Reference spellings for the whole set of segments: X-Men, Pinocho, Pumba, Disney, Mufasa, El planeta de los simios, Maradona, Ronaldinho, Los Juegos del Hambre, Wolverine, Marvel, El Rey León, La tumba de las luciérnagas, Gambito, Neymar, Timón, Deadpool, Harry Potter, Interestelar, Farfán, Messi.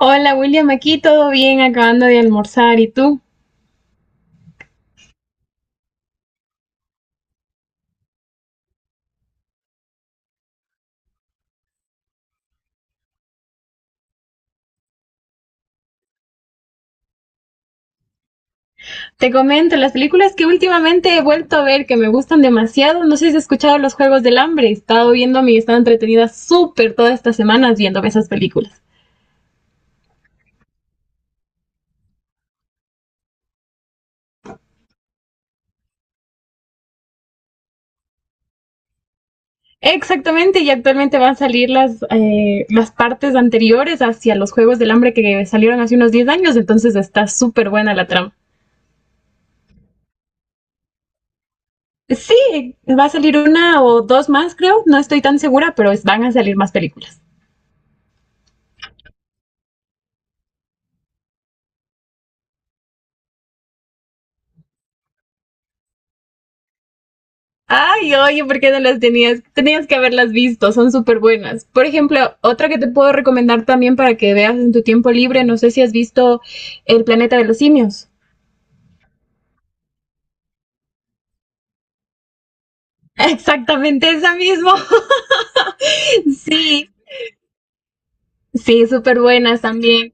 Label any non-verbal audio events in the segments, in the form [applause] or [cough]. Hola William, aquí todo bien, acabando de almorzar. ¿Y tú? Te comento, las películas que últimamente he vuelto a ver que me gustan demasiado, no sé si has escuchado Los Juegos del Hambre, he estado viéndome y he estado entretenida súper todas estas semanas viéndome esas películas. Exactamente, y actualmente van a salir las partes anteriores hacia los Juegos del Hambre que salieron hace unos 10 años, entonces está súper buena la trama. Sí, va a salir una o dos más, creo, no estoy tan segura, pero van a salir más películas. Ay, oye, ¿por qué no las tenías? Tenías que haberlas visto, son súper buenas. Por ejemplo, otra que te puedo recomendar también para que veas en tu tiempo libre, no sé si has visto El planeta de los simios. [laughs] Exactamente esa misma. [laughs] Sí, sí, súper buenas también.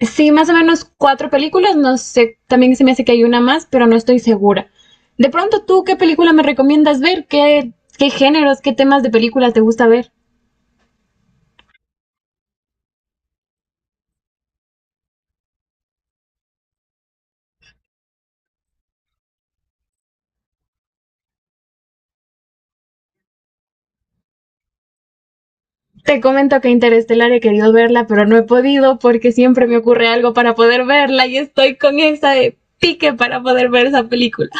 Sí, más o menos cuatro películas, no sé, también se me hace que hay una más, pero no estoy segura. De pronto, ¿tú qué película me recomiendas ver? ¿Qué, ¿qué géneros, qué temas de películas te gusta ver? Te comento que Interestelar he querido verla, pero no he podido porque siempre me ocurre algo para poder verla y estoy con esa de pique para poder ver esa película.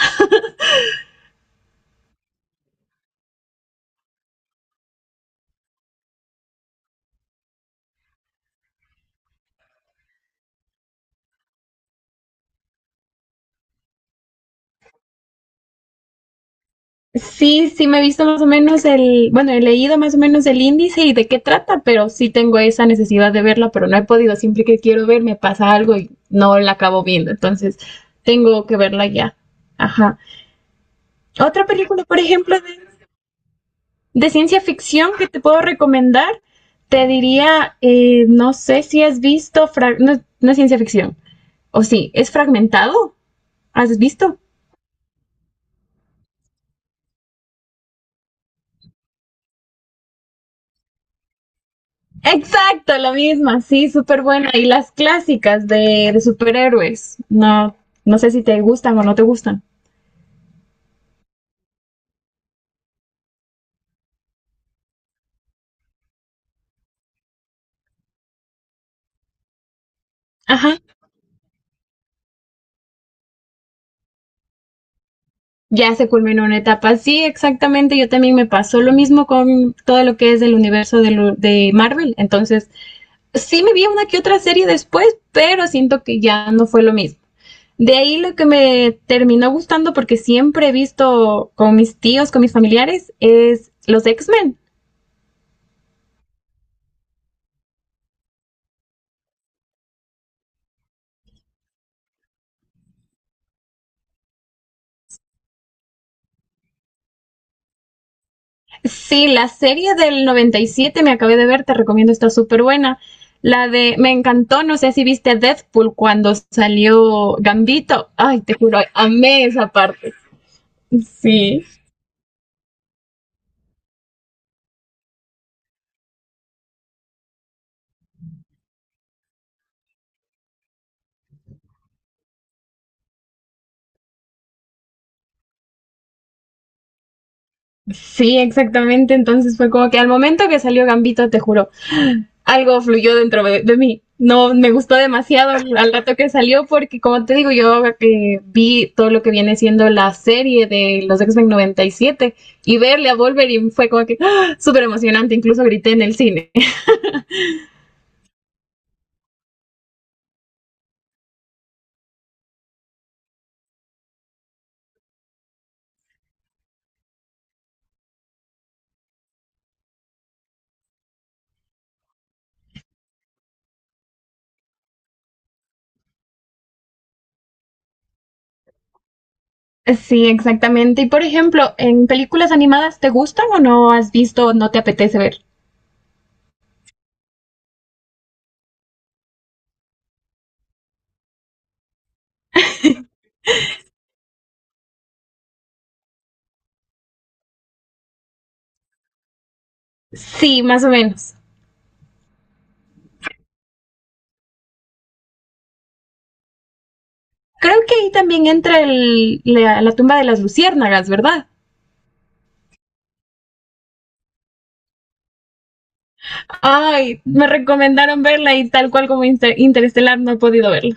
Sí, sí me he visto más o menos el, bueno, he leído más o menos el índice y de qué trata, pero sí tengo esa necesidad de verla, pero no he podido, siempre que quiero ver me pasa algo y no la acabo viendo, entonces tengo que verla ya. Ajá. Otra película, por ejemplo, de ciencia ficción que te puedo recomendar, te diría, no sé si has visto, no, no, es ciencia ficción, o sí, es fragmentado, ¿has visto? Exacto, la misma, sí, súper buena. Y las clásicas de superhéroes, no, no sé si te gustan o no te gustan. Ajá, ya se culminó una etapa, sí, exactamente, yo también me pasó lo mismo con todo lo que es del universo de Marvel, entonces sí me vi una que otra serie después, pero siento que ya no fue lo mismo. De ahí lo que me terminó gustando, porque siempre he visto con mis tíos, con mis familiares, es los X-Men. Sí, la serie del 97 me acabé de ver, te recomiendo, está súper buena. La de, me encantó, no sé si viste Deadpool cuando salió Gambito. Ay, te juro, amé esa parte. Sí, sí, exactamente. Entonces fue como que al momento que salió Gambito, te juro, algo fluyó dentro de mí. No, me gustó demasiado al rato que salió porque, como te digo, yo vi todo lo que viene siendo la serie de los X-Men 97 y verle a Wolverine fue como que ¡ah! Súper emocionante, incluso grité en el cine. Sí, exactamente. Y, por ejemplo, ¿en películas animadas te gustan o no has visto o no te apetece ver? Sí, más o menos. Creo que ahí también entra la tumba de las luciérnagas, ¿verdad? Ay, me recomendaron verla y tal cual como Interestelar no he podido verla.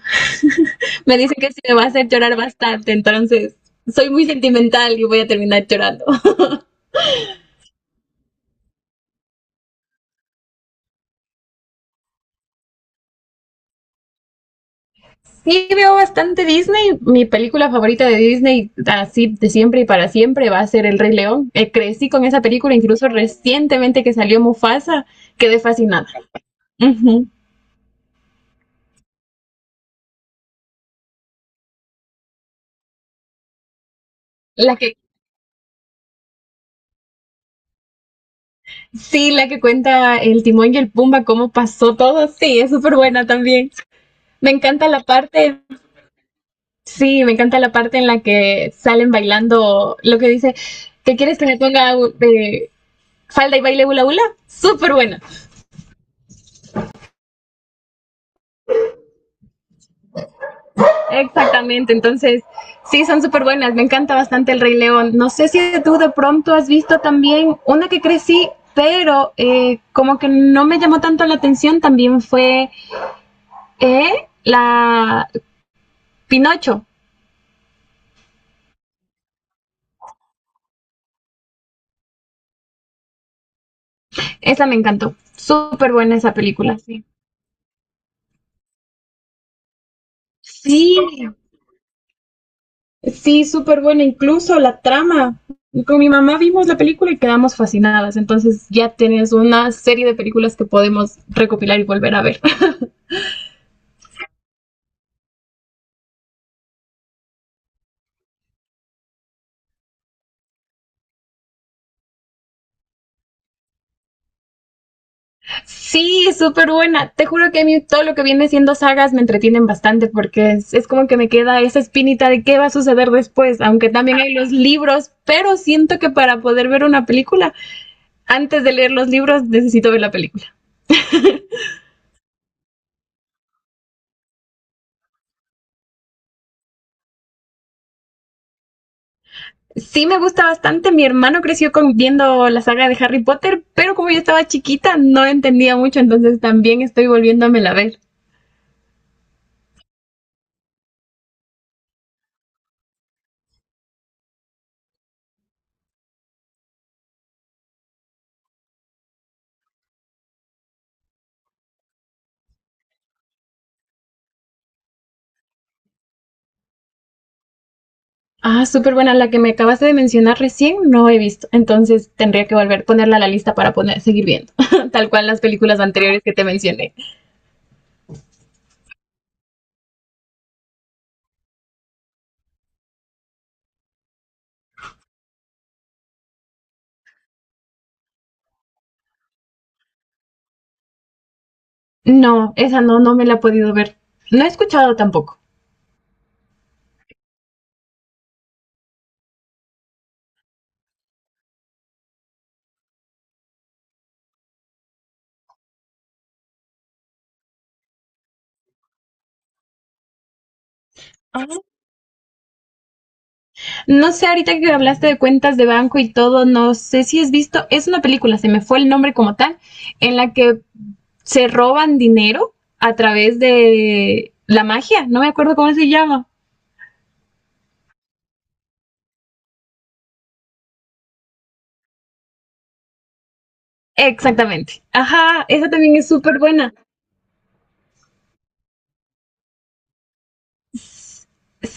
Me dice que sí me va a hacer llorar bastante, entonces soy muy sentimental y voy a terminar llorando. [laughs] Sí veo bastante Disney. Mi película favorita de Disney, así de siempre y para siempre, va a ser El Rey León. Crecí con esa película, incluso recientemente que salió Mufasa, quedé fascinada. Ujú. La que Sí, la que cuenta el Timón y el Pumba, cómo pasó todo, sí, es súper buena también. Me encanta la parte Sí, me encanta la parte en la que salen bailando lo que dice, ¿qué quieres que me ponga de falda y baile hula hula? Súper buena. Exactamente, entonces sí, son súper buenas. Me encanta bastante El Rey León. No sé si tú de pronto has visto también una que crecí, pero como que no me llamó tanto la atención, también fue la Pinocho. Esa me encantó. Súper buena esa película, sí. Sí, sí, súper buena, incluso la trama. Con mi mamá vimos la película y quedamos fascinadas, entonces ya tienes una serie de películas que podemos recopilar y volver a ver. [laughs] Sí, súper buena. Te juro que a mí todo lo que viene siendo sagas me entretienen bastante porque es como que me queda esa espinita de qué va a suceder después, aunque también hay los libros, pero siento que para poder ver una película, antes de leer los libros necesito ver la película. Sí me gusta bastante, mi hermano creció con, viendo la saga de Harry Potter, pero como yo estaba chiquita no entendía mucho, entonces también estoy volviéndomela a ver. Ah, súper buena, la que me acabaste de mencionar recién no he visto, entonces tendría que volver a ponerla a la lista para seguir viendo, [laughs] tal cual las películas anteriores que te mencioné. No, esa no, no me la he podido ver. No he escuchado tampoco. No sé, ahorita que hablaste de cuentas de banco y todo, no sé si has visto, es una película, se me fue el nombre como tal, en la que se roban dinero a través de la magia, no me acuerdo cómo se llama. Exactamente. Ajá, esa también es súper buena.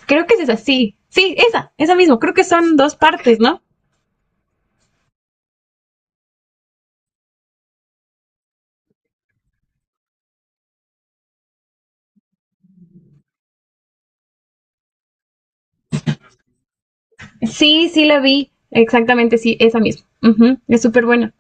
Creo que es esa, sí. Sí, esa mismo. Creo que son dos partes, ¿no? Sí, sí la vi. Exactamente, sí, esa misma. Ujú, es súper buena.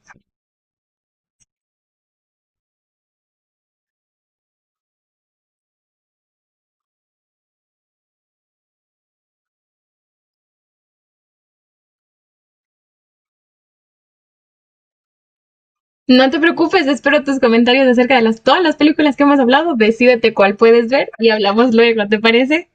No te preocupes, espero tus comentarios acerca de las, todas las películas que hemos hablado. Decídete cuál puedes ver y hablamos luego, ¿te parece?